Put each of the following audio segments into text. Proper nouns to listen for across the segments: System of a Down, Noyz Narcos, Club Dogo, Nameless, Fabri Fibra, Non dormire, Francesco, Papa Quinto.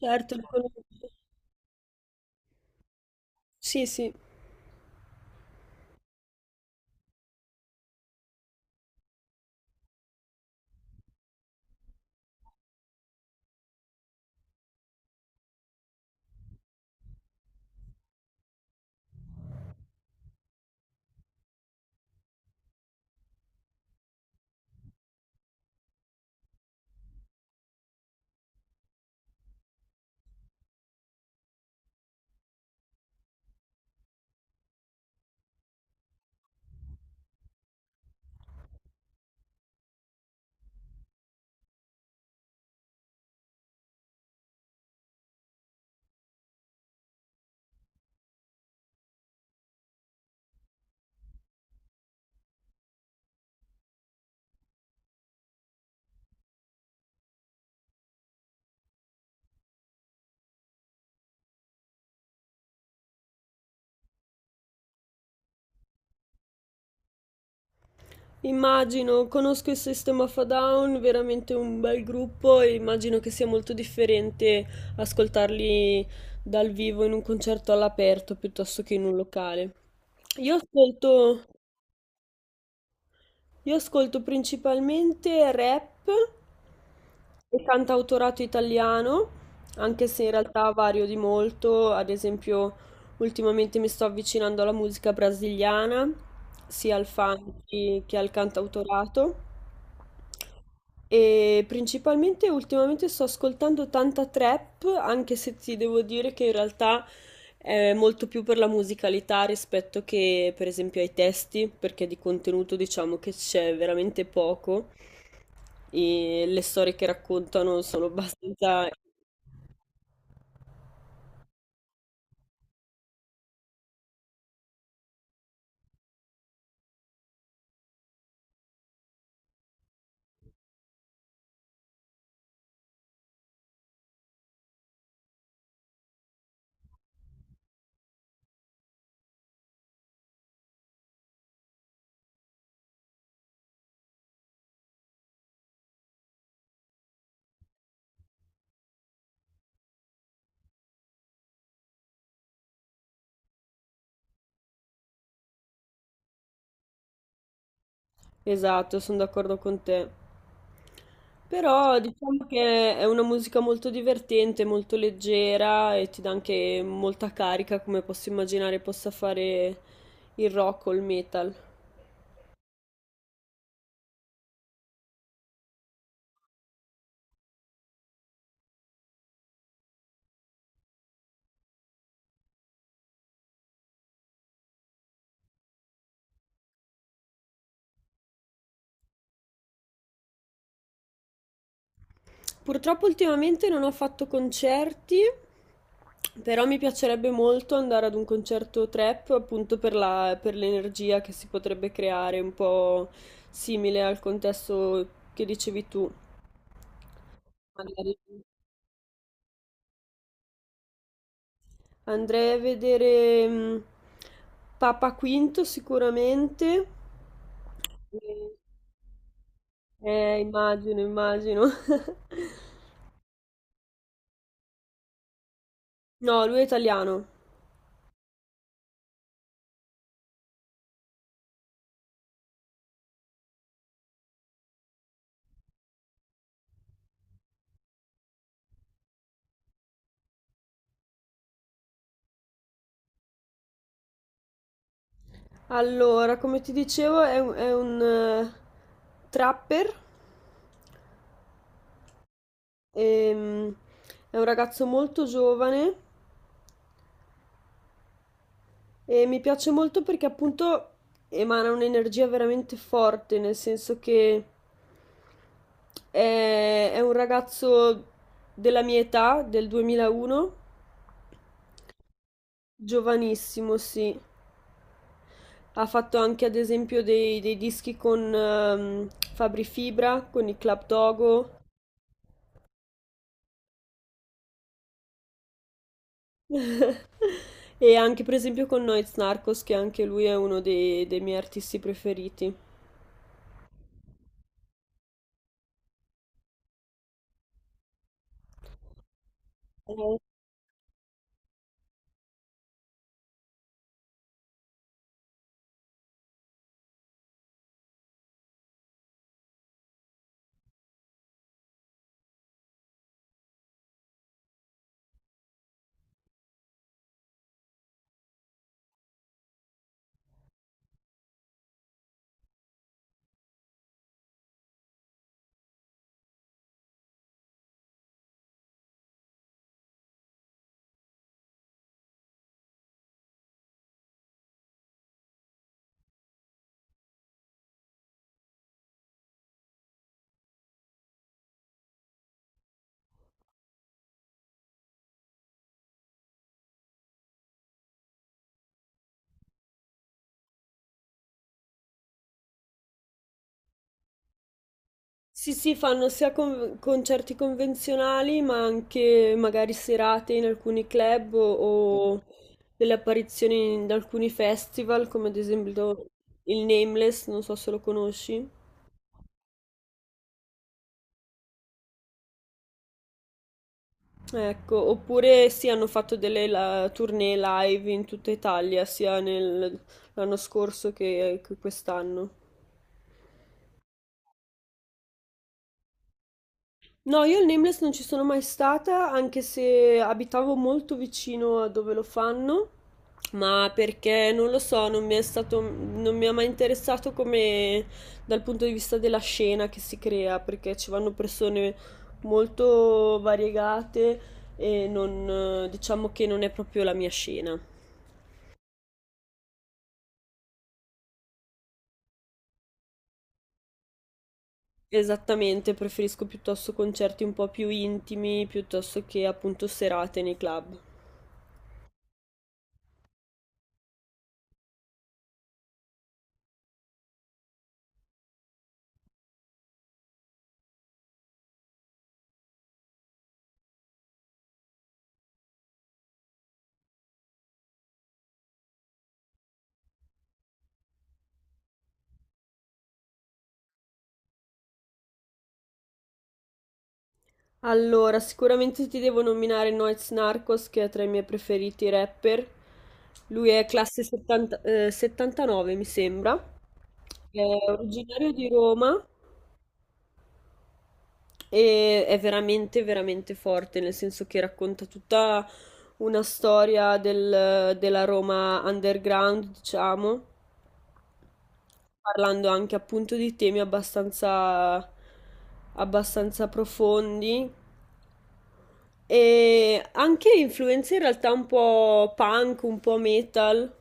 Certo, sì, sì, immagino, conosco il System of a Down, veramente un bel gruppo e immagino che sia molto differente ascoltarli dal vivo in un concerto all'aperto piuttosto che in un locale. Io ascolto, io ascolto principalmente rap e cantautorato italiano, anche se in realtà vario di molto, ad esempio ultimamente mi sto avvicinando alla musica brasiliana, sia al funk che al cantautorato. E principalmente ultimamente sto ascoltando tanta trap, anche se ti devo dire che in realtà è molto più per la musicalità rispetto che per esempio ai testi, perché di contenuto diciamo che c'è veramente poco e le storie che raccontano sono abbastanza. Esatto, sono d'accordo con te. Però diciamo che è una musica molto divertente, molto leggera e ti dà anche molta carica, come posso immaginare possa fare il rock o il metal. Purtroppo ultimamente non ho fatto concerti, però mi piacerebbe molto andare ad un concerto trap, appunto per l'energia che si potrebbe creare, un po' simile al contesto che dicevi tu. Magari. Andrei a vedere Papa Quinto sicuramente. E- Eh, immagino, immagino. No, lui è italiano. Allora, come ti dicevo, è un trapper. Ehm, è un ragazzo molto giovane e mi piace molto perché appunto emana un'energia veramente forte, nel senso che è un ragazzo della mia età, del 2001, giovanissimo, sì. Ha fatto anche ad esempio dei dischi con Fabri Fibra, con i Club Dogo e anche per esempio con Noyz Narcos, che anche lui è uno dei miei artisti preferiti. Sì, sì, fanno sia concerti convenzionali, ma anche magari serate in alcuni club o delle apparizioni in alcuni festival, come ad esempio il Nameless, non so se lo conosci. Ecco, oppure sì, hanno fatto delle tournée live in tutta Italia, sia l'anno scorso che quest'anno. No, io il Nameless non ci sono mai stata, anche se abitavo molto vicino a dove lo fanno, ma perché non lo so, non mi è stato, non mi ha mai interessato come dal punto di vista della scena che si crea, perché ci vanno persone molto variegate e non, diciamo che non è proprio la mia scena. Esattamente, preferisco piuttosto concerti un po' più intimi, piuttosto che appunto serate nei club. Allora, sicuramente ti devo nominare Noyz Narcos, che è tra i miei preferiti rapper. Lui è classe 70 79, mi sembra. È originario di Roma e è veramente, veramente forte, nel senso che racconta tutta una storia della Roma underground, diciamo, parlando anche appunto di temi abbastanza, abbastanza profondi e anche influenze in realtà un po' punk, un po' metal.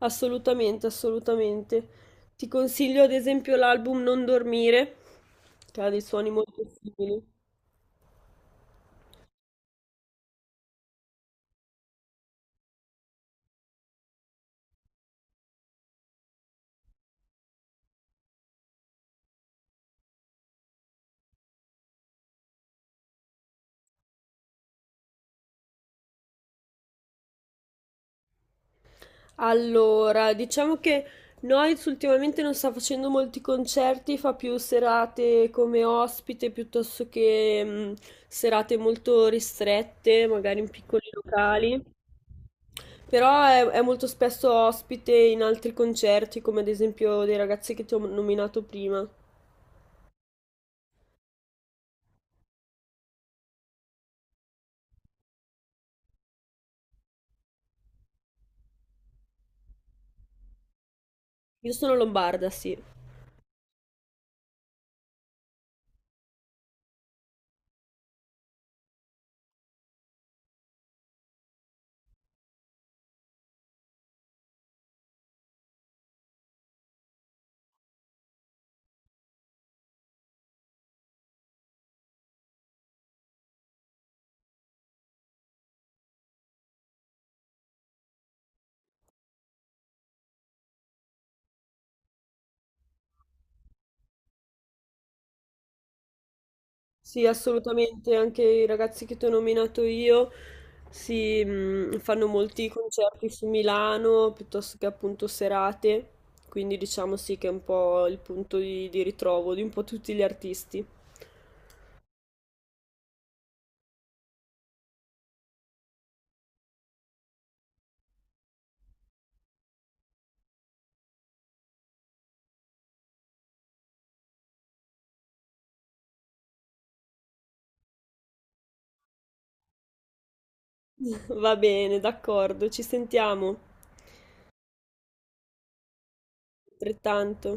Assolutamente, assolutamente. Ti consiglio ad esempio l'album Non dormire, che ha dei suoni molto simili. Allora, diciamo che Noyz ultimamente non sta facendo molti concerti, fa più serate come ospite piuttosto che serate molto ristrette, magari in piccoli locali. Però è molto spesso ospite in altri concerti, come ad esempio dei ragazzi che ti ho nominato prima. Io sono lombarda, sì. Sì, assolutamente, anche i ragazzi che ti ho nominato io si, fanno molti concerti su Milano piuttosto che appunto serate, quindi diciamo sì che è un po' il punto di ritrovo di un po' tutti gli artisti. Va bene, d'accordo, ci sentiamo, altrettanto.